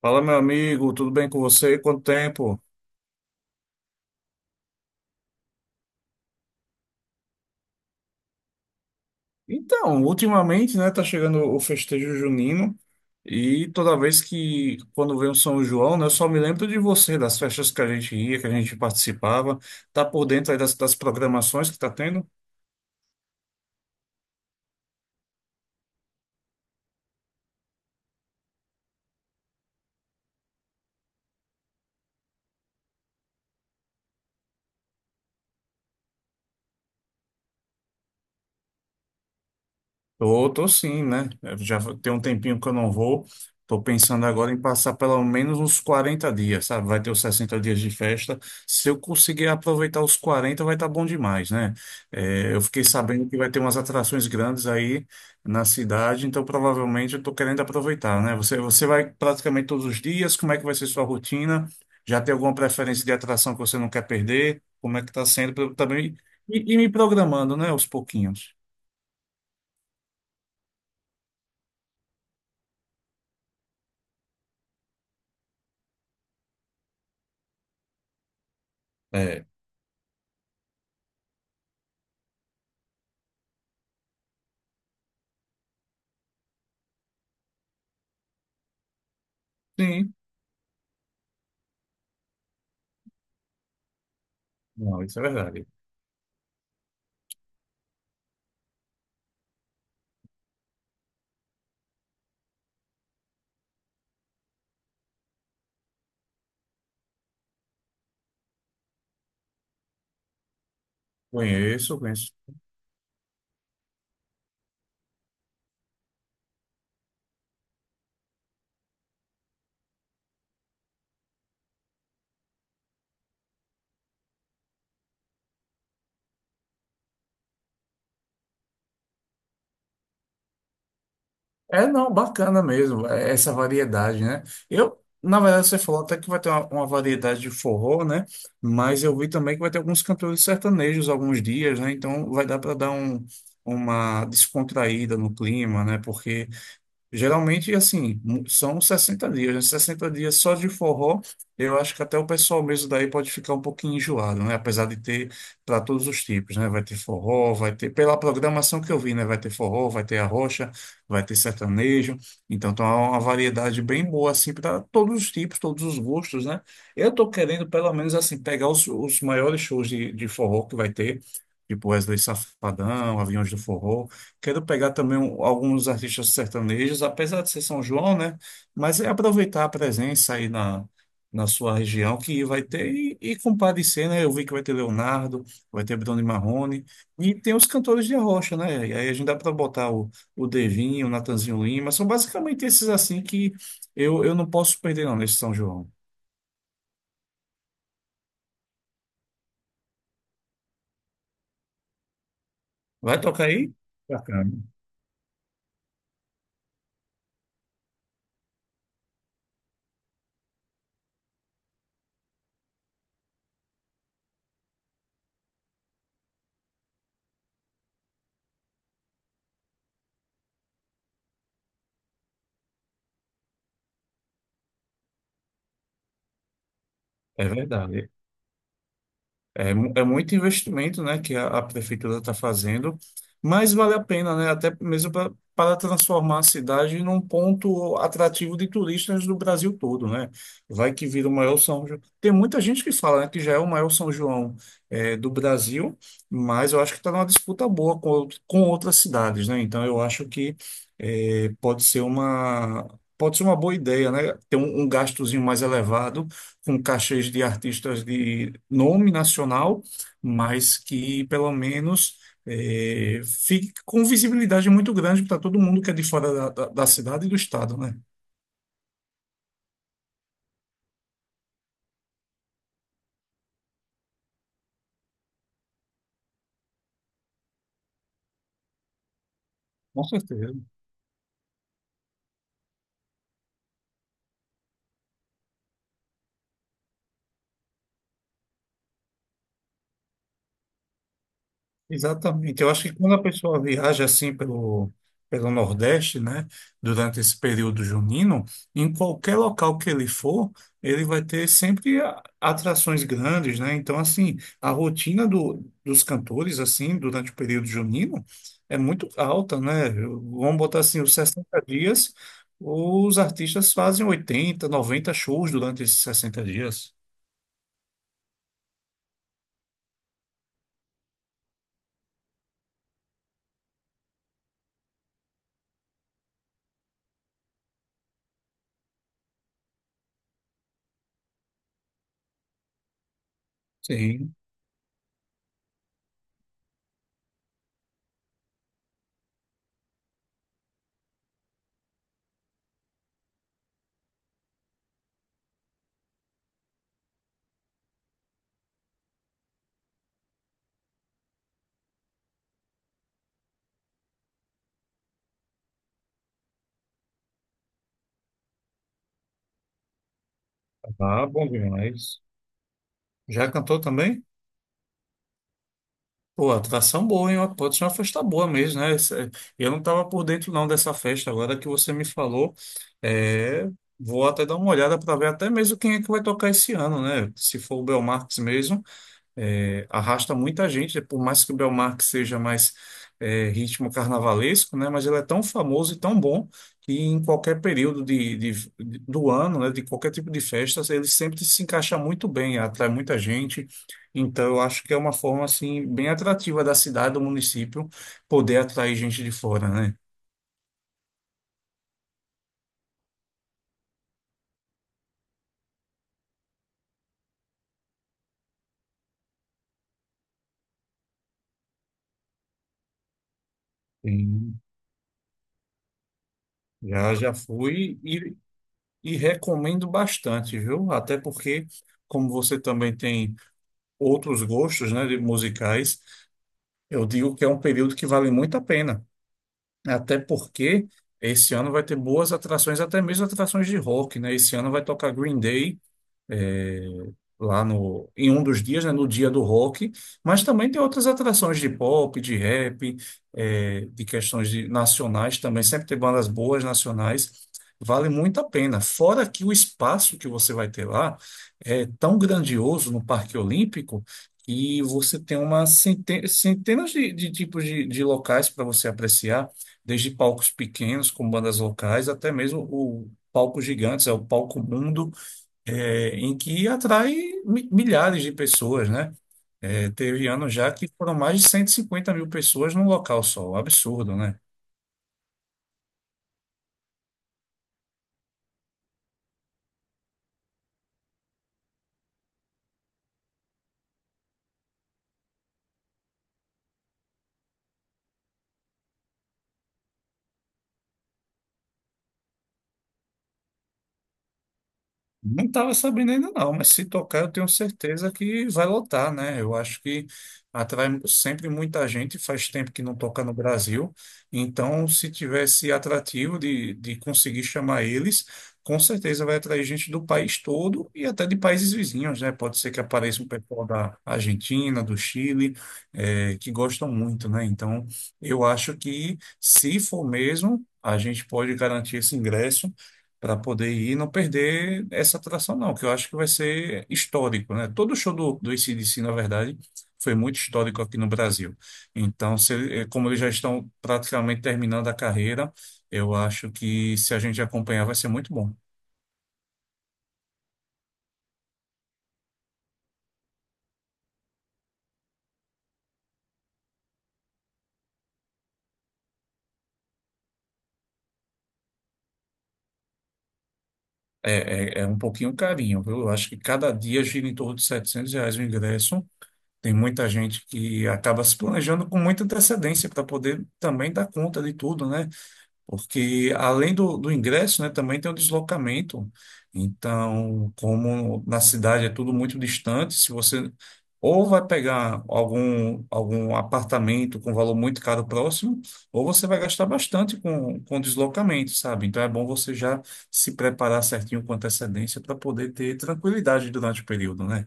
Fala, meu amigo, tudo bem com você? Quanto tempo? Então, ultimamente, né, tá chegando o festejo junino e toda vez que, quando vem o São João, né, eu só me lembro de você, das festas que a gente ia, que a gente participava. Tá por dentro aí das programações que tá tendo? Tô, tô sim, né? Eu já tem um tempinho que eu não vou. Tô pensando agora em passar pelo menos uns 40 dias, sabe? Vai ter os 60 dias de festa. Se eu conseguir aproveitar os 40 vai estar bom demais, né? É, eu fiquei sabendo que vai ter umas atrações grandes aí na cidade, então provavelmente eu tô querendo aproveitar, né? Você vai praticamente todos os dias, como é que vai ser sua rotina? Já tem alguma preferência de atração que você não quer perder? Como é que tá sendo? Pra eu também me programando, né? Aos pouquinhos. É. Sim. Não, isso é verdade. Conheço, conheço. É, não, bacana mesmo, é, essa variedade, né? Eu, na verdade, você falou até que vai ter uma variedade de forró, né? Mas eu vi também que vai ter alguns cantores sertanejos alguns dias, né? Então vai dar para dar um, uma descontraída no clima, né? Porque geralmente, assim, são 60 dias, né? 60 dias só de forró, eu acho que até o pessoal mesmo daí pode ficar um pouquinho enjoado, né? Apesar de ter para todos os tipos, né? Vai ter forró, vai ter, pela programação que eu vi, né? Vai ter forró, vai ter arrocha, vai ter sertanejo. Então, tá uma variedade bem boa, assim, para todos os tipos, todos os gostos, né? Eu tô querendo, pelo menos, assim, pegar os maiores shows de forró que vai ter, tipo Wesley Safadão, Aviões do Forró. Quero pegar também alguns artistas sertanejos, apesar de ser São João, né? Mas é aproveitar a presença aí na, na sua região que vai ter e comparecer, né? Eu vi que vai ter Leonardo, vai ter Bruno e Marrone, e tem os cantores de arrocha, né? E aí a gente dá para botar o Devinho, o Natanzinho Lima, são basicamente esses assim que eu não posso perder não nesse São João. Vai tocar aí? Bacana. É verdade. É, é muito investimento, né, que a prefeitura está fazendo, mas vale a pena, né, até mesmo pra, para transformar a cidade num ponto atrativo de turistas do Brasil todo, né? Vai que vira o maior São João. Tem muita gente que fala, né, que já é o maior São João, é, do Brasil, mas eu acho que está numa disputa boa com, com outras cidades, né? Então eu acho que é, pode ser uma, pode ser uma boa ideia, né? Ter um, um gastozinho mais elevado com cachês de artistas de nome nacional, mas que pelo menos, eh, fique com visibilidade muito grande para todo mundo que é de fora da cidade e do estado, né? Com certeza. Exatamente. Eu acho que quando a pessoa viaja assim pelo, pelo Nordeste, né, durante esse período junino, em qualquer local que ele for, ele vai ter sempre atrações grandes, né? Então, assim, a rotina do, dos cantores, assim, durante o período junino, é muito alta, né? Eu- vamos botar assim, os 60 dias, os artistas fazem 80, 90 shows durante esses 60 dias. Sim. Ah, bom demais. Já cantou também? Pô, atração boa, hein? Pode ser uma festa boa mesmo, né? Isso é- eu não estava por dentro não dessa festa. Agora que você me falou, é, vou até dar uma olhada para ver até mesmo quem é que vai tocar esse ano, né? Se for o Belmarx mesmo, é, arrasta muita gente, por mais que o Belmarque seja mais, é, ritmo carnavalesco, né, mas ele é tão famoso e tão bom que em qualquer período do ano, né, de qualquer tipo de festa, ele sempre se encaixa muito bem, atrai muita gente. Então, eu acho que é uma forma assim bem atrativa da cidade, do município, poder atrair gente de fora, né? Sim. Já já fui e recomendo bastante, viu? Até porque, como você também tem outros gostos, né, de musicais, eu digo que é um período que vale muito a pena, né? Até porque esse ano vai ter boas atrações, até mesmo atrações de rock, né? Esse ano vai tocar Green Day, é, lá no, em um dos dias, né, no dia do rock, mas também tem outras atrações de pop, de rap, é, de questões nacionais também, sempre tem bandas boas nacionais, vale muito a pena. Fora que o espaço que você vai ter lá é tão grandioso no Parque Olímpico e você tem uma centenas de tipos de locais para você apreciar, desde palcos pequenos com bandas locais até mesmo o palco gigantes, é o palco mundo, é, em que atrai milhares de pessoas, né? É, teve anos já que foram mais de 150 mil pessoas num local só, um absurdo, né? Não estava sabendo ainda não, mas se tocar eu tenho certeza que vai lotar, né? Eu acho que atrai sempre muita gente, faz tempo que não toca no Brasil, então se tivesse atrativo de conseguir chamar eles, com certeza vai atrair gente do país todo e até de países vizinhos, né? Pode ser que apareça um pessoal da Argentina, do Chile, eh, que gostam muito, né? Então eu acho que se for mesmo, a gente pode garantir esse ingresso para poder ir e não perder essa atração, não, que eu acho que vai ser histórico, né? Todo show do, do AC/DC, na verdade, foi muito histórico aqui no Brasil. Então, se ele- eh, como eles já estão praticamente terminando a carreira, eu acho que se a gente acompanhar vai ser muito bom. É, é, é um pouquinho carinho, viu? Eu acho que cada dia gira em torno de R$ 700 o ingresso. Tem muita gente que acaba se planejando com muita antecedência para poder também dar conta de tudo, né? Porque além do, do ingresso, né, também tem o deslocamento. Então, como na cidade é tudo muito distante, se você ou vai pegar algum, algum apartamento com valor muito caro próximo, ou você vai gastar bastante com deslocamento, sabe? Então é bom você já se preparar certinho com antecedência para poder ter tranquilidade durante o período, né?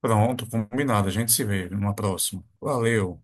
Pronto, combinado. A gente se vê numa próxima. Valeu.